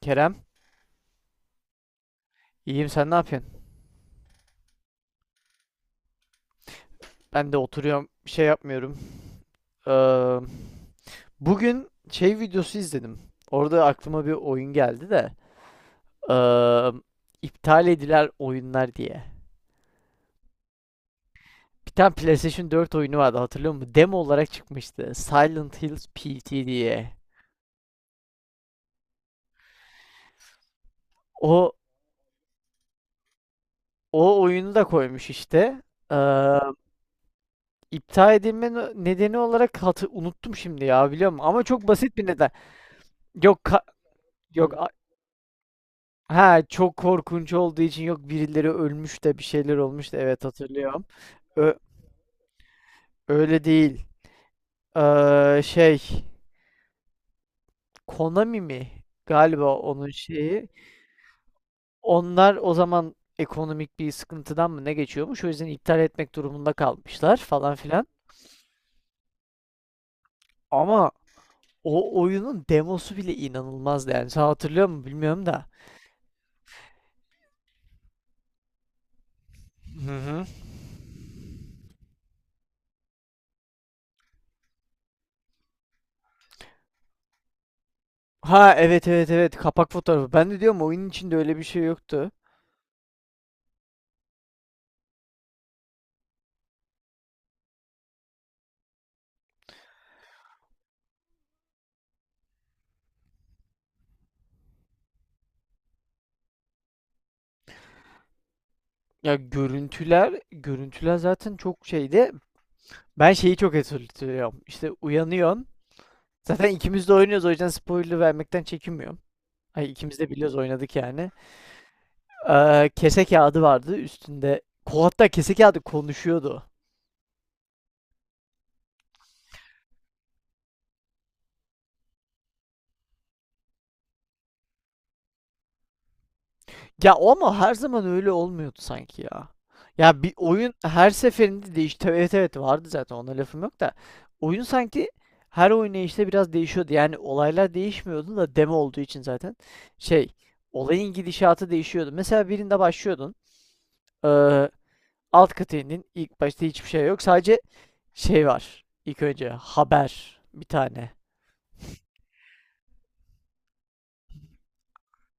Kerem, iyiyim sen ne yapıyorsun? Ben de oturuyorum, bir şey yapmıyorum. Ee, Bugün şey videosu izledim. Orada aklıma bir oyun geldi de. Ee, iptal edilen oyunlar diye. Bir tane PlayStation 4 oyunu vardı, hatırlıyor musun? Demo olarak çıkmıştı. Silent Hills PT diye. O o oyunu da koymuş işte. Ee, iptal edilme nedeni olarak unuttum şimdi ya, biliyor musun? Ama çok basit bir neden. Yok ka- yok. Ha, çok korkunç olduğu için, yok birileri ölmüş de bir şeyler olmuş da, evet hatırlıyorum. Ö- öyle değil. Ee, şey Konami mi? Galiba onun şeyi. Onlar o zaman ekonomik bir sıkıntıdan mı ne geçiyormuş? O yüzden iptal etmek durumunda kalmışlar falan filan. Ama o oyunun demosu bile inanılmazdı yani. Sen hatırlıyor musun bilmiyorum da. Hı hı. Ha evet evet evet, kapak fotoğrafı. Ben de diyorum oyunun içinde öyle bir şey yoktu. Ya, görüntüler, görüntüler zaten çok şeydi. Ben şeyi çok hatırlıyorum. İşte uyanıyorsun. Zaten ikimiz de oynuyoruz o yüzden spoiler vermekten çekinmiyorum. Ay ikimiz de biliyoruz, oynadık yani. Kese kağıdı vardı üstünde. Hatta kese kağıdı konuşuyordu. Ya o ama her zaman öyle olmuyordu sanki ya. Ya, bir oyun her seferinde değişti. Evet evet vardı, zaten ona lafım yok da. Oyun sanki her oynayışta biraz değişiyordu. Yani olaylar değişmiyordu da, demo olduğu için zaten. Şey, olayın gidişatı değişiyordu. Mesela birinde başlıyordun. eee, alt kata indin. İlk başta hiçbir şey yok. Sadece şey var. İlk önce haber bir tane.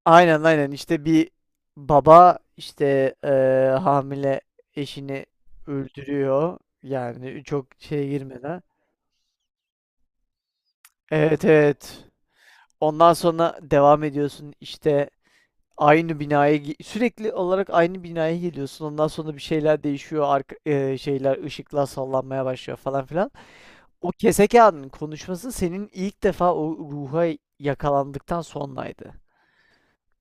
Aynen aynen, işte bir baba işte hamile eşini öldürüyor yani, çok şeye girmeden. Evet evet. Ondan sonra devam ediyorsun işte sürekli olarak aynı binaya geliyorsun. Ondan sonra bir şeyler değişiyor arka, şeyler, ışıklar sallanmaya başlıyor falan filan. O kese kağıdının konuşması senin ilk defa o ruha yakalandıktan sonraydı.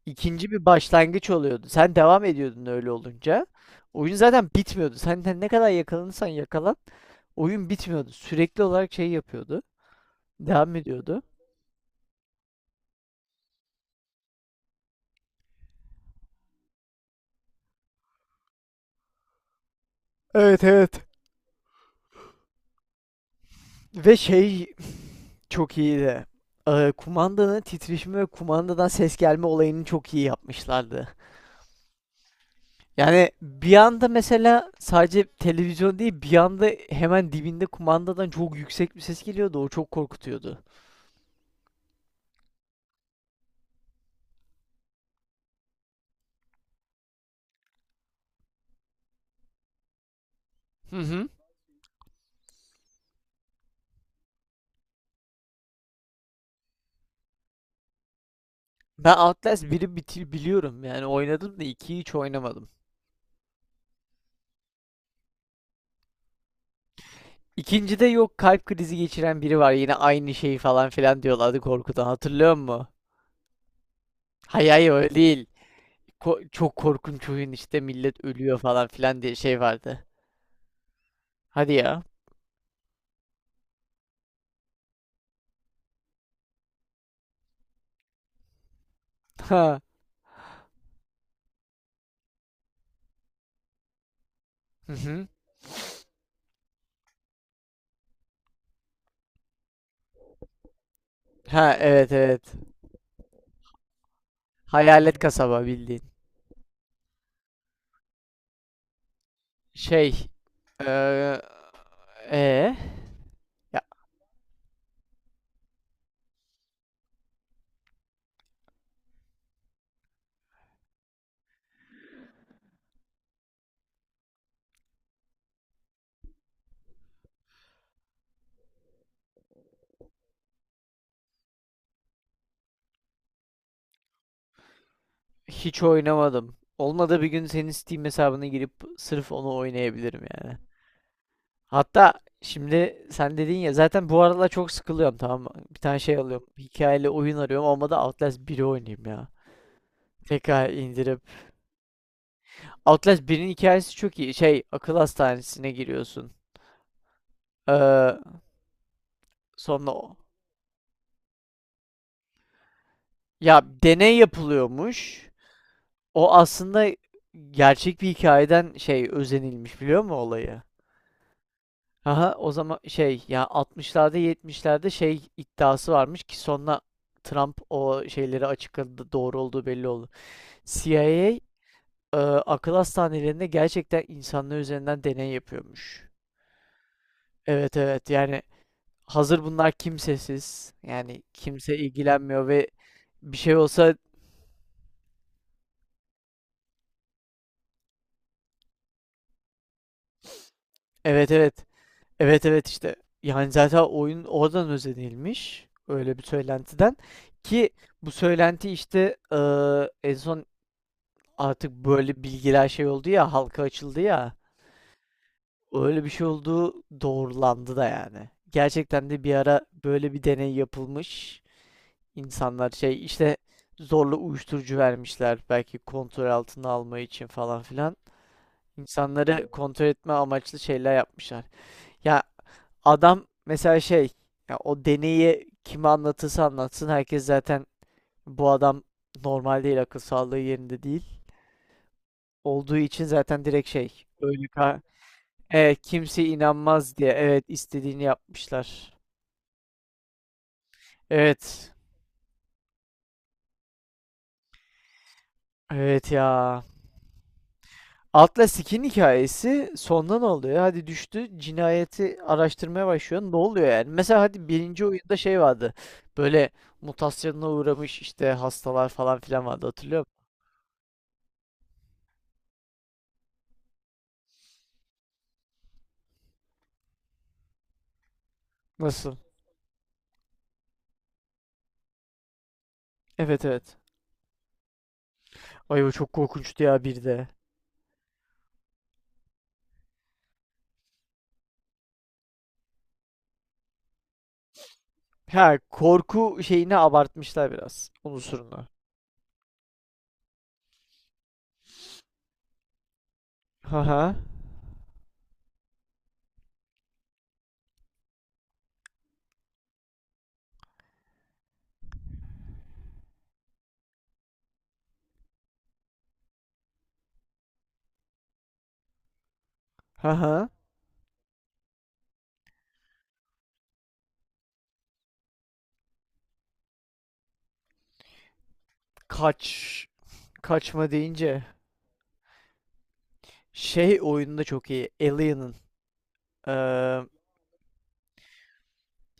İkinci bir başlangıç oluyordu. Sen devam ediyordun öyle olunca. Oyun zaten bitmiyordu. Senden ne kadar yakalanırsan yakalan oyun bitmiyordu. Sürekli olarak şey yapıyordu. Devam ediyordu. Evet evet. Ve şey, çok iyiydi. Kumandanın titreşimi ve kumandadan ses gelme olayını çok iyi yapmışlardı. Yani bir anda mesela sadece televizyon değil, bir anda hemen dibinde kumandadan çok yüksek bir ses geliyordu. O çok korkutuyordu. Hı hı. Ben Outlast 1'i bitir biliyorum yani, oynadım da 2'yi hiç oynamadım. İkincide, yok kalp krizi geçiren biri var, yine aynı şeyi falan filan diyorlardı, korkudan hatırlıyor musun? Hayır hayır öyle değil. Çok korkunç oyun işte, millet ölüyor falan filan diye şey vardı. Hadi ya. Ha. Hı hı. Ha evet evet. Hayalet kasaba bildiğin. Şey. Eee. Ee? Ya, hiç oynamadım. Olmadı bir gün senin Steam hesabına girip sırf onu oynayabilirim yani. Hatta şimdi sen dedin ya, zaten bu aralar çok sıkılıyorum tamam mı? Bir tane şey alıyorum. Hikayeli oyun arıyorum. Olmadı Outlast biri oynayayım ya. Tekrar indirip. Outlast birin hikayesi çok iyi. Şey, akıl hastanesine giriyorsun. Ee, sonra o- ya deney yapılıyormuş. O aslında gerçek bir hikayeden şey, özenilmiş biliyor musun olayı? Aha o zaman şey, ya altmışlarda yetmişlerde şey iddiası varmış ki sonra Trump o şeyleri açıkladı, doğru olduğu belli oldu. CIA e, akıl hastanelerinde gerçekten insanlar üzerinden deney yapıyormuş. Evet evet yani, hazır bunlar kimsesiz yani kimse ilgilenmiyor ve bir şey olsa evet evet evet evet işte yani zaten oyun oradan özenilmiş, öyle bir söylentiden ki bu söylenti işte en son artık böyle bilgiler şey oldu ya, halka açıldı ya. Öyle bir şey olduğu doğrulandı da yani. Gerçekten de bir ara böyle bir deney yapılmış. İnsanlar şey işte zorla uyuşturucu vermişler belki, kontrol altına alma için falan filan. İnsanları kontrol etme amaçlı şeyler yapmışlar. Ya adam mesela şey, ya o deneyi kime anlatırsa anlatsın herkes zaten bu adam normal değil, akıl sağlığı yerinde değil. Olduğu için zaten direkt evet kimse inanmaz diye, evet istediğini yapmışlar. Evet. Evet ya. Atla Skin hikayesi sonda ne oluyor? Hadi düştü, cinayeti araştırmaya başlıyor. Ne oluyor yani? Mesela hadi birinci oyunda şey vardı. Böyle mutasyona uğramış işte hastalar falan filan vardı, hatırlıyor musun? Nasıl? Evet evet. Ay o çok korkunçtu ya bir de. Ha, korku şeyini abartmışlar biraz. Unsurunu. Ha. Haha. Ha. Kaç. Kaçma deyince. Şey oyunda çok iyi. Alien'ın. Eee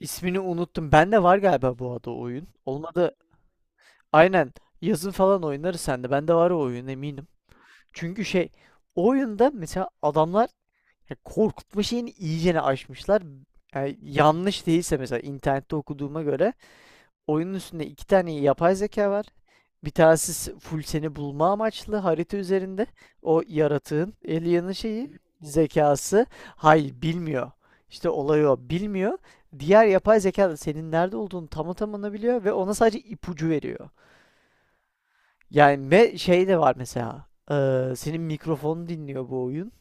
İsmini unuttum. Bende var galiba bu adı oyun. Olmadı. Aynen. Yazın falan oynarız sende. Bende var o oyun eminim. Çünkü şey, o oyunda mesela adamlar ya korkutma şeyini iyicene aşmışlar. Yani yanlış değilse, mesela internette okuduğuma göre oyunun üstünde iki tane yapay zeka var. Bir tanesi full seni bulma amaçlı harita üzerinde. O yaratığın, alien'ın şeyi, zekası. Hayır bilmiyor. İşte olay, o bilmiyor. Diğer yapay zeka da senin nerede olduğunu tam tamına biliyor ve ona sadece ipucu veriyor. Yani ve şey de var mesela. Senin mikrofonu dinliyor bu oyun.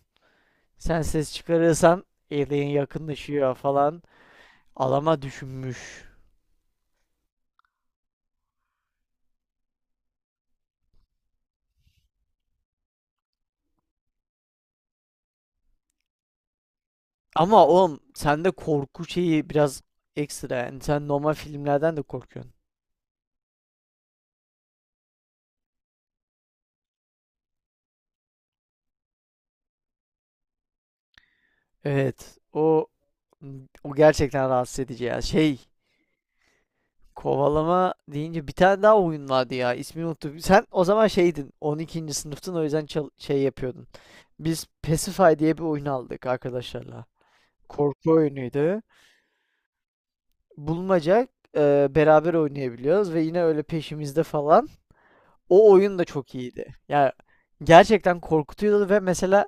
Sen ses çıkarırsan alien yakınlaşıyor falan. Alama düşünmüş. Ama oğlum sende korku şeyi biraz ekstra yani, sen normal filmlerden de korkuyorsun. Evet. O gerçekten rahatsız edici ya. Şey, kovalama deyince bir tane daha oyun vardı ya. İsmini unuttum. Sen o zaman şeydin. 12. sınıftın o yüzden şey yapıyordun. Biz Pacify diye bir oyun aldık arkadaşlarla. Korku oyunuydu. Bulmaca beraber oynayabiliyoruz ve yine öyle peşimizde falan. O oyun da çok iyiydi. Yani gerçekten korkutuyordu ve mesela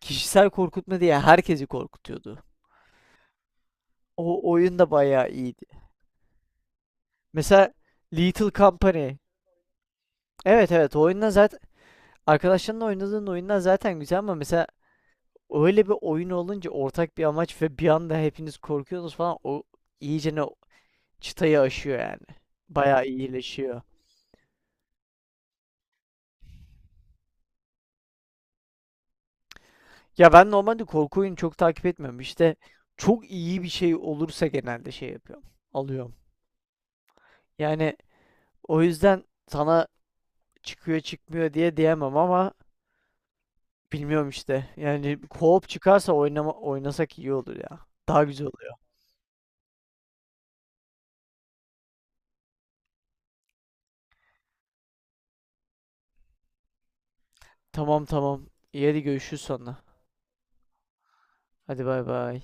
kişisel korkutma diye herkesi korkutuyordu. O oyun da bayağı iyiydi. Mesela Little Company. Evet evet, o oyundan zaten arkadaşlarınla oynadığın oyundan zaten güzel, ama mesela öyle bir oyun olunca ortak bir amaç ve bir anda hepiniz korkuyorsunuz falan, o iyice ne çıtayı aşıyor yani. Bayağı iyileşiyor. Ya ben normalde korku oyunu çok takip etmiyorum. İşte çok iyi bir şey olursa genelde şey yapıyorum. Alıyorum. Yani o yüzden sana çıkıyor çıkmıyor diye diyemem ama bilmiyorum işte. Yani co-op çıkarsa oynama, oynasak iyi olur ya. Daha güzel oluyor. Tamam tamam. İyi hadi görüşürüz sonra. Hadi bay bay.